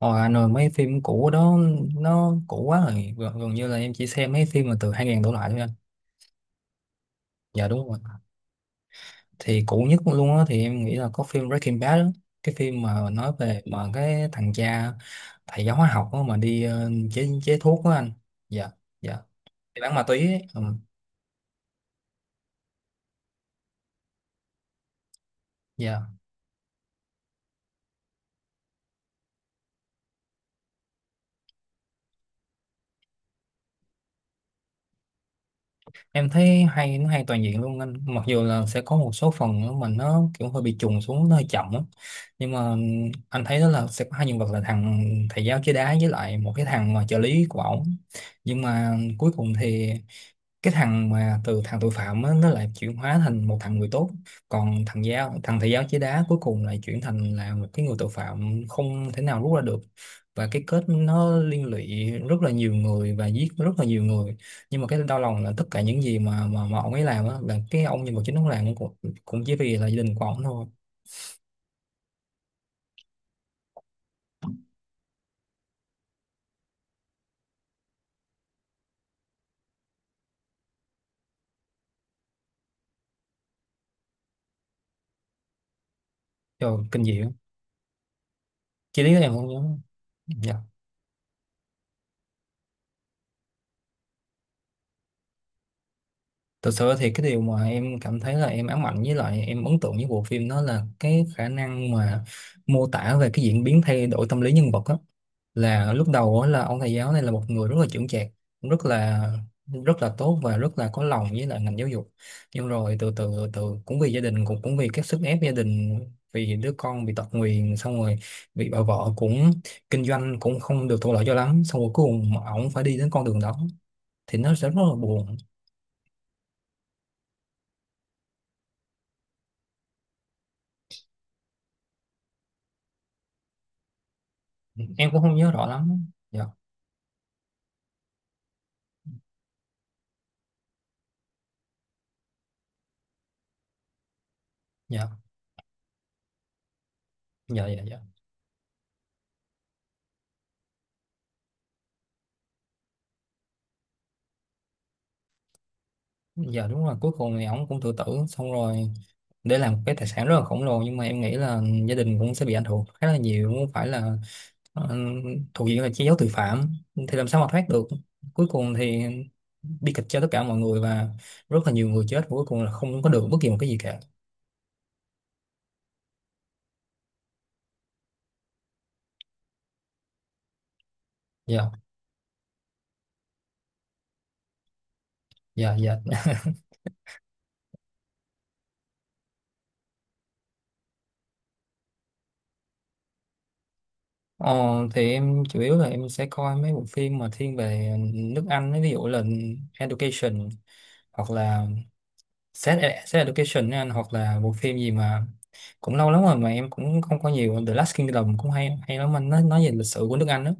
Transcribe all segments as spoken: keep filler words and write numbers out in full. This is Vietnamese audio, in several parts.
Hồi Hà Nội mấy phim cũ đó nó cũ quá rồi gần, gần như là em chỉ xem mấy phim mà từ hai nghìn đổ lại thôi anh. Dạ đúng rồi, thì cũ nhất luôn á thì em nghĩ là có phim Breaking Bad đó. Cái phim mà nói về mà cái thằng cha thầy giáo hóa học đó mà đi ờ, chế chế thuốc đó anh. Dạ dạ, đi bán ma túy ấy. Ừ, dạ. Em thấy hay, nó hay toàn diện luôn anh, mặc dù là sẽ có một số phần nữa mà nó kiểu hơi bị trùng xuống, nó hơi chậm á, nhưng mà anh thấy đó là sẽ có hai nhân vật là thằng thầy giáo chơi đá với lại một cái thằng mà trợ lý của ổng. Nhưng mà cuối cùng thì cái thằng mà từ thằng tội phạm á, nó lại chuyển hóa thành một thằng người tốt, còn thằng giáo thằng thầy giáo chế đá cuối cùng lại chuyển thành là một cái người tội phạm không thể nào rút ra được. Và cái kết nó liên lụy rất là nhiều người và giết rất là nhiều người, nhưng mà cái đau lòng là tất cả những gì mà mà, mà ông ấy làm á, là cái ông nhân vật chính ông làm cũng cũng chỉ vì là gia đình của ông thôi. Trời, kinh dị lắm. Chi lý em không nhớ, dạ. Thật sự thì cái điều mà em cảm thấy là em ám ảnh với lại em ấn tượng với bộ phim đó là cái khả năng mà mô tả về cái diễn biến thay đổi tâm lý nhân vật á. Là lúc đầu á là ông thầy giáo này là một người rất là chững chạc, rất là rất là tốt và rất là có lòng với lại ngành giáo dục. Nhưng rồi từ từ từ từ cũng vì gia đình cũng cũng vì các sức ép gia đình, vì đứa con bị tật nguyền, xong rồi bị bà vợ cũng kinh doanh cũng không được thuận lợi cho lắm, xong rồi cuối cùng ổng phải đi đến con đường đó thì nó sẽ rất là buồn. Ừ, em cũng không nhớ rõ lắm, Dạ dạ dạ dạ dạ. Dạ đúng là cuối cùng thì ổng cũng tự tử xong rồi để làm một cái tài sản rất là khổng lồ, nhưng mà em nghĩ là gia đình cũng sẽ bị ảnh hưởng khá là nhiều, không phải là ờ, thuộc diện là che giấu tội phạm thì làm sao mà thoát được. Cuối cùng thì bi kịch cho tất cả mọi người và rất là nhiều người chết và cuối cùng là không có được bất kỳ một cái gì cả. Dạ dạ dạ. Ờ, thì em chủ yếu là em sẽ coi mấy bộ phim mà thiên về nước Anh ấy, ví dụ là Education hoặc là Sex, Ed- Sex Education ấy anh, hoặc là bộ phim gì mà cũng lâu lắm rồi mà em cũng không có nhiều. The Last Kingdom cũng hay hay lắm anh, nói nói về lịch sử của nước Anh đó,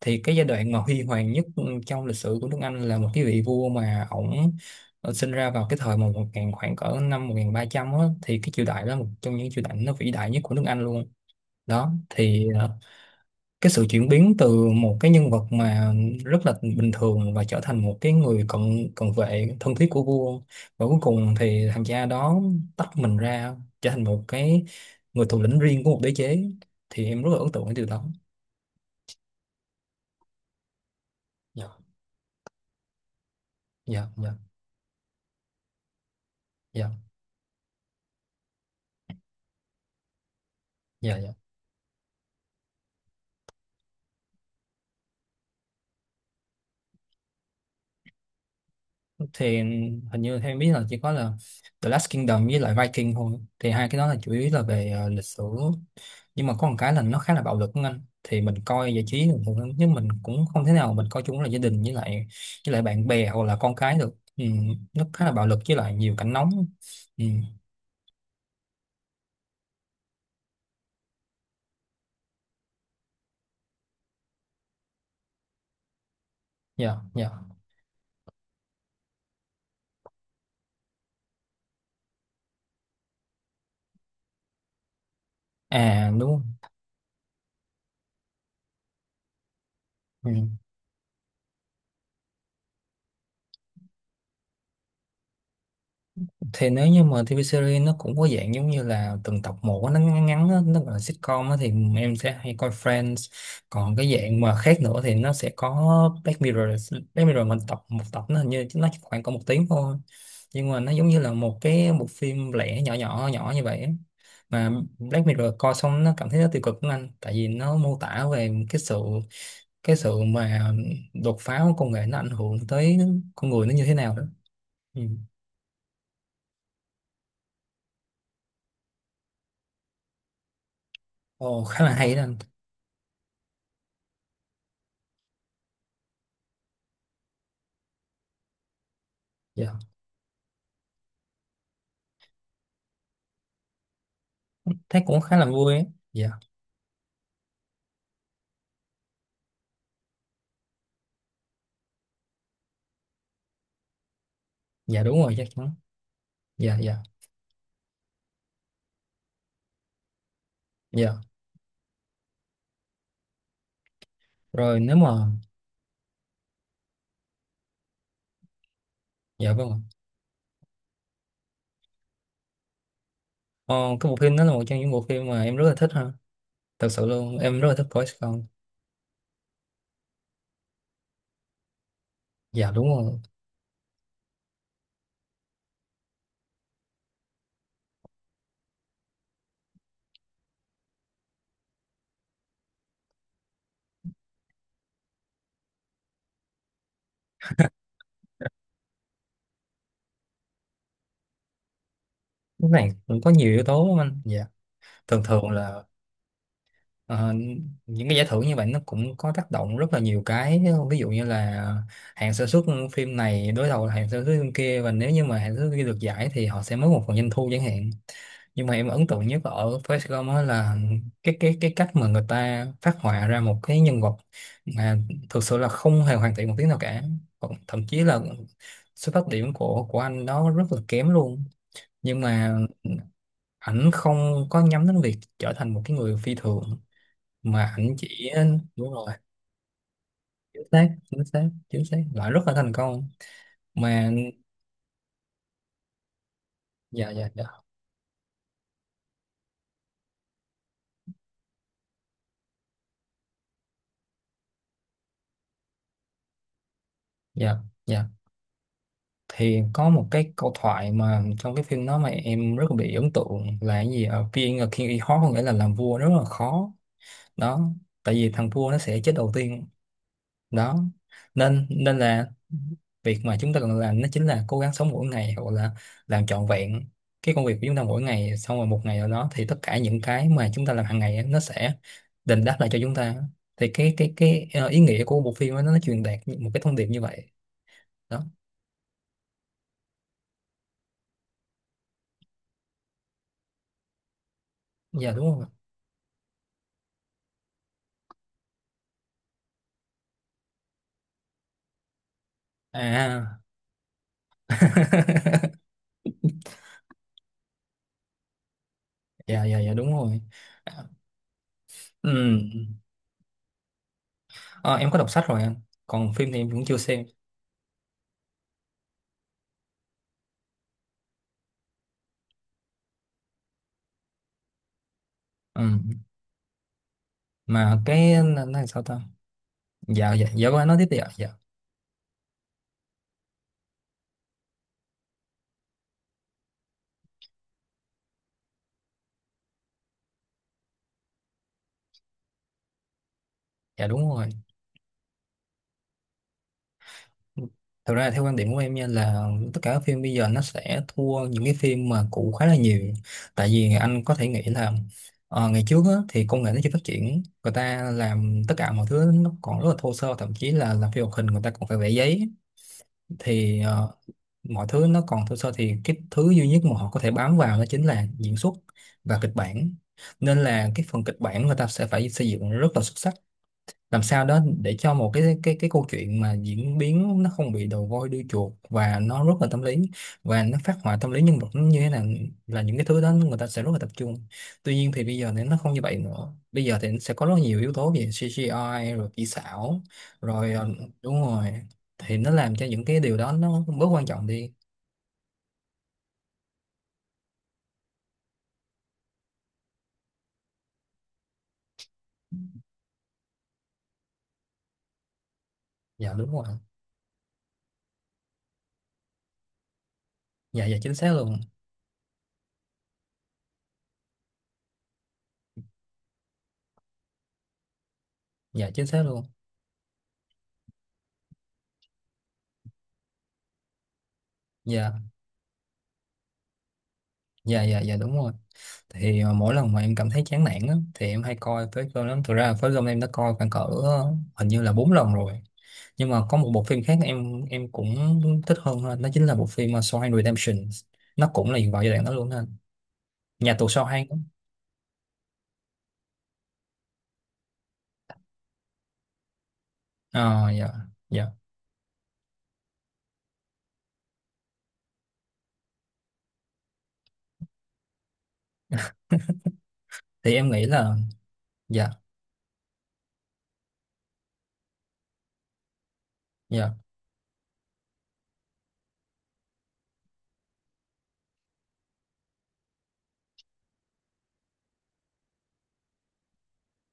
thì cái giai đoạn mà huy hoàng nhất trong lịch sử của nước Anh là một cái vị vua mà ổng ờ, sinh ra vào cái thời mà một ngàn khoảng cỡ năm một nghìn ba trăm á, thì cái triều đại đó là một trong những triều đại nó vĩ đại nhất của nước Anh luôn. Đó thì ờ, cái sự chuyển biến từ một cái nhân vật mà rất là bình thường và trở thành một cái người cận cận vệ thân thiết của vua, và cuối cùng thì thằng cha đó tách mình ra trở thành một cái người thủ lĩnh riêng của một đế chế, thì em rất là ấn tượng cái điều đó. Dạ dạ dạ dạ dạ dạ. Thì hình như theo em biết là chỉ có là The Last Kingdom với lại Viking thôi, thì hai cái đó là chủ yếu là về ờ, lịch sử. Nhưng mà có một cái là nó khá là bạo lực của anh, thì mình coi giải trí bình thường, nhưng mình cũng không thể nào mình coi chung là gia đình với lại với lại bạn bè hoặc là con cái được. Ừ, nó khá là bạo lực với lại nhiều cảnh nóng. Ừ, dạ dạ. À đúng. Ừ. Thì nếu như mà ti vi series nó cũng có dạng giống như là từng tập một á, nó ngắn ngắn á, nó gọi là sitcom á, thì em sẽ hay coi Friends. Còn cái dạng mà khác nữa thì nó sẽ có Black Mirror. Black Mirror mình tập một tập nó hình như nó chỉ khoảng có một tiếng thôi, nhưng mà nó giống như là một cái bộ phim lẻ nhỏ nhỏ nhỏ như vậy á. Mà Black Mirror coi xong nó cảm thấy nó tiêu cực lắm anh, tại vì nó mô tả về cái sự cái sự mà đột phá của công nghệ nó ảnh hưởng tới con người nó như thế nào đó. Ừ. Ồ, khá là hay đó anh. Dạ. Thấy cũng khá là vui ấy. Dạ, dạ đúng rồi chắc chắn. Dạ, dạ, dạ. Rồi nếu mà, dạ vâng ạ. Ờ, cái bộ phim đó là một trong những bộ phim mà em rất là thích ha. Thật sự luôn, em rất là thích coi Saigon. Dạ đúng rồi. Lúc này cũng có nhiều yếu tố lắm anh. Dạ, thường thường là Ờ, những cái giải thưởng như vậy nó cũng có tác động rất là nhiều cái, ví dụ như là hãng sản xuất phim này đối đầu là hãng sản xuất phim kia, và nếu như mà hãng sản xuất kia được giải thì họ sẽ mất một phần doanh thu chẳng hạn. Nhưng mà em ấn tượng nhất ở Forrest Gump á là cái cái cái cách mà người ta phát họa ra một cái nhân vật mà thực sự là không hề hoàn thiện một tí nào cả. Còn thậm chí là xuất phát điểm của của anh đó rất là kém luôn, nhưng mà ảnh không có nhắm đến việc trở thành một cái người phi thường, mà ảnh chỉ đúng rồi chính xác chính xác chính xác lại rất là thành công mà. Dạ dạ dạ dạ dạ. Thì có một cái câu thoại mà trong cái phim đó mà em rất là bị ấn tượng là cái gì ở Being a King is hard, có nghĩa là làm vua rất là khó đó, tại vì thằng vua nó sẽ chết đầu tiên đó. Nên nên là việc mà chúng ta cần làm nó chính là cố gắng sống mỗi ngày, hoặc là làm trọn vẹn cái công việc của chúng ta mỗi ngày, xong rồi một ngày nào đó thì tất cả những cái mà chúng ta làm hàng ngày á, nó sẽ đền đáp lại cho chúng ta. Thì cái cái cái ờ, ý nghĩa của bộ phim á, nó truyền đạt một cái thông điệp như vậy đó. Dạ đúng không? À dạ dạ dạ đúng rồi. À, ừ. Ờ, em có đọc sách rồi anh, còn phim thì em cũng chưa xem. Ừ. Mà cái là, là sao ta? Dạ dạ dạ vâng, anh nói tiếp đi ạ. Dạ dạ đúng rồi. Thực ra theo quan điểm của em nha là tất cả các phim bây giờ nó sẽ thua những cái phim mà cũ khá là nhiều. Tại vì anh có thể nghĩ là ờ, ngày trước á, thì công nghệ nó chưa phát triển, người ta làm tất cả mọi thứ nó còn rất là thô sơ, thậm chí là làm phim hoạt hình người ta còn phải vẽ giấy. Thì ờ, mọi thứ nó còn thô sơ thì cái thứ duy nhất mà họ có thể bám vào đó chính là diễn xuất và kịch bản, nên là cái phần kịch bản người ta sẽ phải xây dựng rất là xuất sắc, làm sao đó để cho một cái cái cái câu chuyện mà diễn biến nó không bị đầu voi đuôi chuột và nó rất là tâm lý, và nó phát họa tâm lý nhân vật nó như thế nào, là những cái thứ đó người ta sẽ rất là tập trung. Tuy nhiên thì bây giờ thì nó không như vậy nữa, bây giờ thì sẽ có rất nhiều yếu tố về xê gi ai rồi kỹ xảo rồi ờ, đúng rồi, thì nó làm cho những cái điều đó nó bớt quan trọng đi. Dạ đúng rồi. Dạ dạ chính xác luôn. Dạ chính xác luôn. Dạ dạ dạ dạ đúng rồi. Thì ờ, mỗi lần mà em cảm thấy chán nản á, thì em hay coi Phế Cơm lắm. Thực ra Phế Cơm em đã coi khoảng cỡ ờ, hình như là bốn lần rồi. Nhưng mà có một bộ phim khác em em cũng thích hơn ha, nó chính là bộ phim ờ, Shawshank Redemption. Nó cũng là vào giai đoạn đó luôn ha, nhà tù Shawshank á. Ờ dạ dạ. Thì em nghĩ là dạ dạ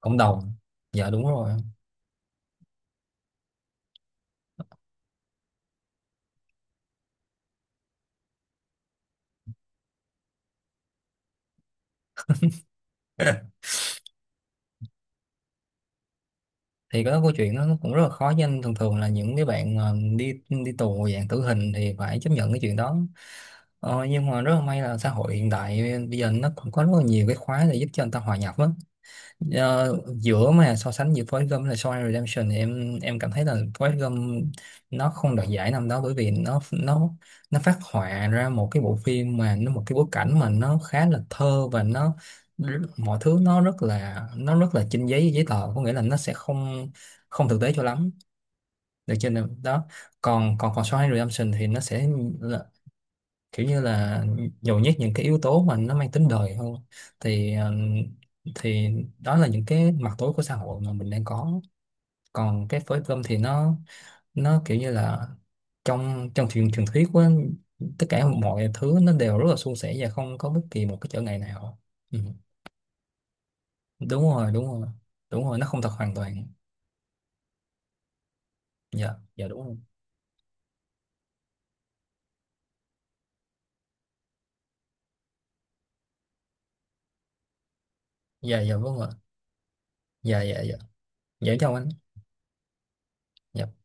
cộng đồng. Dạ đúng rồi. Thì có câu chuyện nó cũng rất là khó với anh, thường thường là những cái bạn mà đi đi tù dạng tử hình thì phải chấp nhận cái chuyện đó. Ờ, nhưng mà rất là may là xã hội hiện đại bây giờ nó cũng có rất là nhiều cái khóa để giúp cho người ta hòa nhập á. Ờ, giữa mà so sánh giữa Forrest Gump là Shawshank Redemption thì em em cảm thấy là Forrest Gump nó không đoạt giải năm đó bởi vì nó nó nó phát họa ra một cái bộ phim mà nó một cái bối cảnh mà nó khá là thơ và nó mọi thứ nó rất là nó rất là trên giấy giấy tờ, có nghĩa là nó sẽ không không thực tế cho lắm, được chưa nào? Đó, còn còn còn Shawshank Redemption thì nó sẽ kiểu như là nhồi nhét những cái yếu tố mà nó mang tính đời hơn. Thì ờ, thì đó là những cái mặt tối của xã hội mà mình đang có. Còn cái phối cơm thì nó nó kiểu như là trong trong truyền truyền thuyết của tất cả mọi thứ nó đều rất là suôn sẻ và không có bất kỳ một cái trở ngại nào. Ừ. Đúng rồi đúng rồi. Đúng rồi, nó không thật hoàn toàn. Dạ dạ đúng rồi dạ dạ vâng ạ. Dạ dạ dạ. Dạ chào anh. Dạ.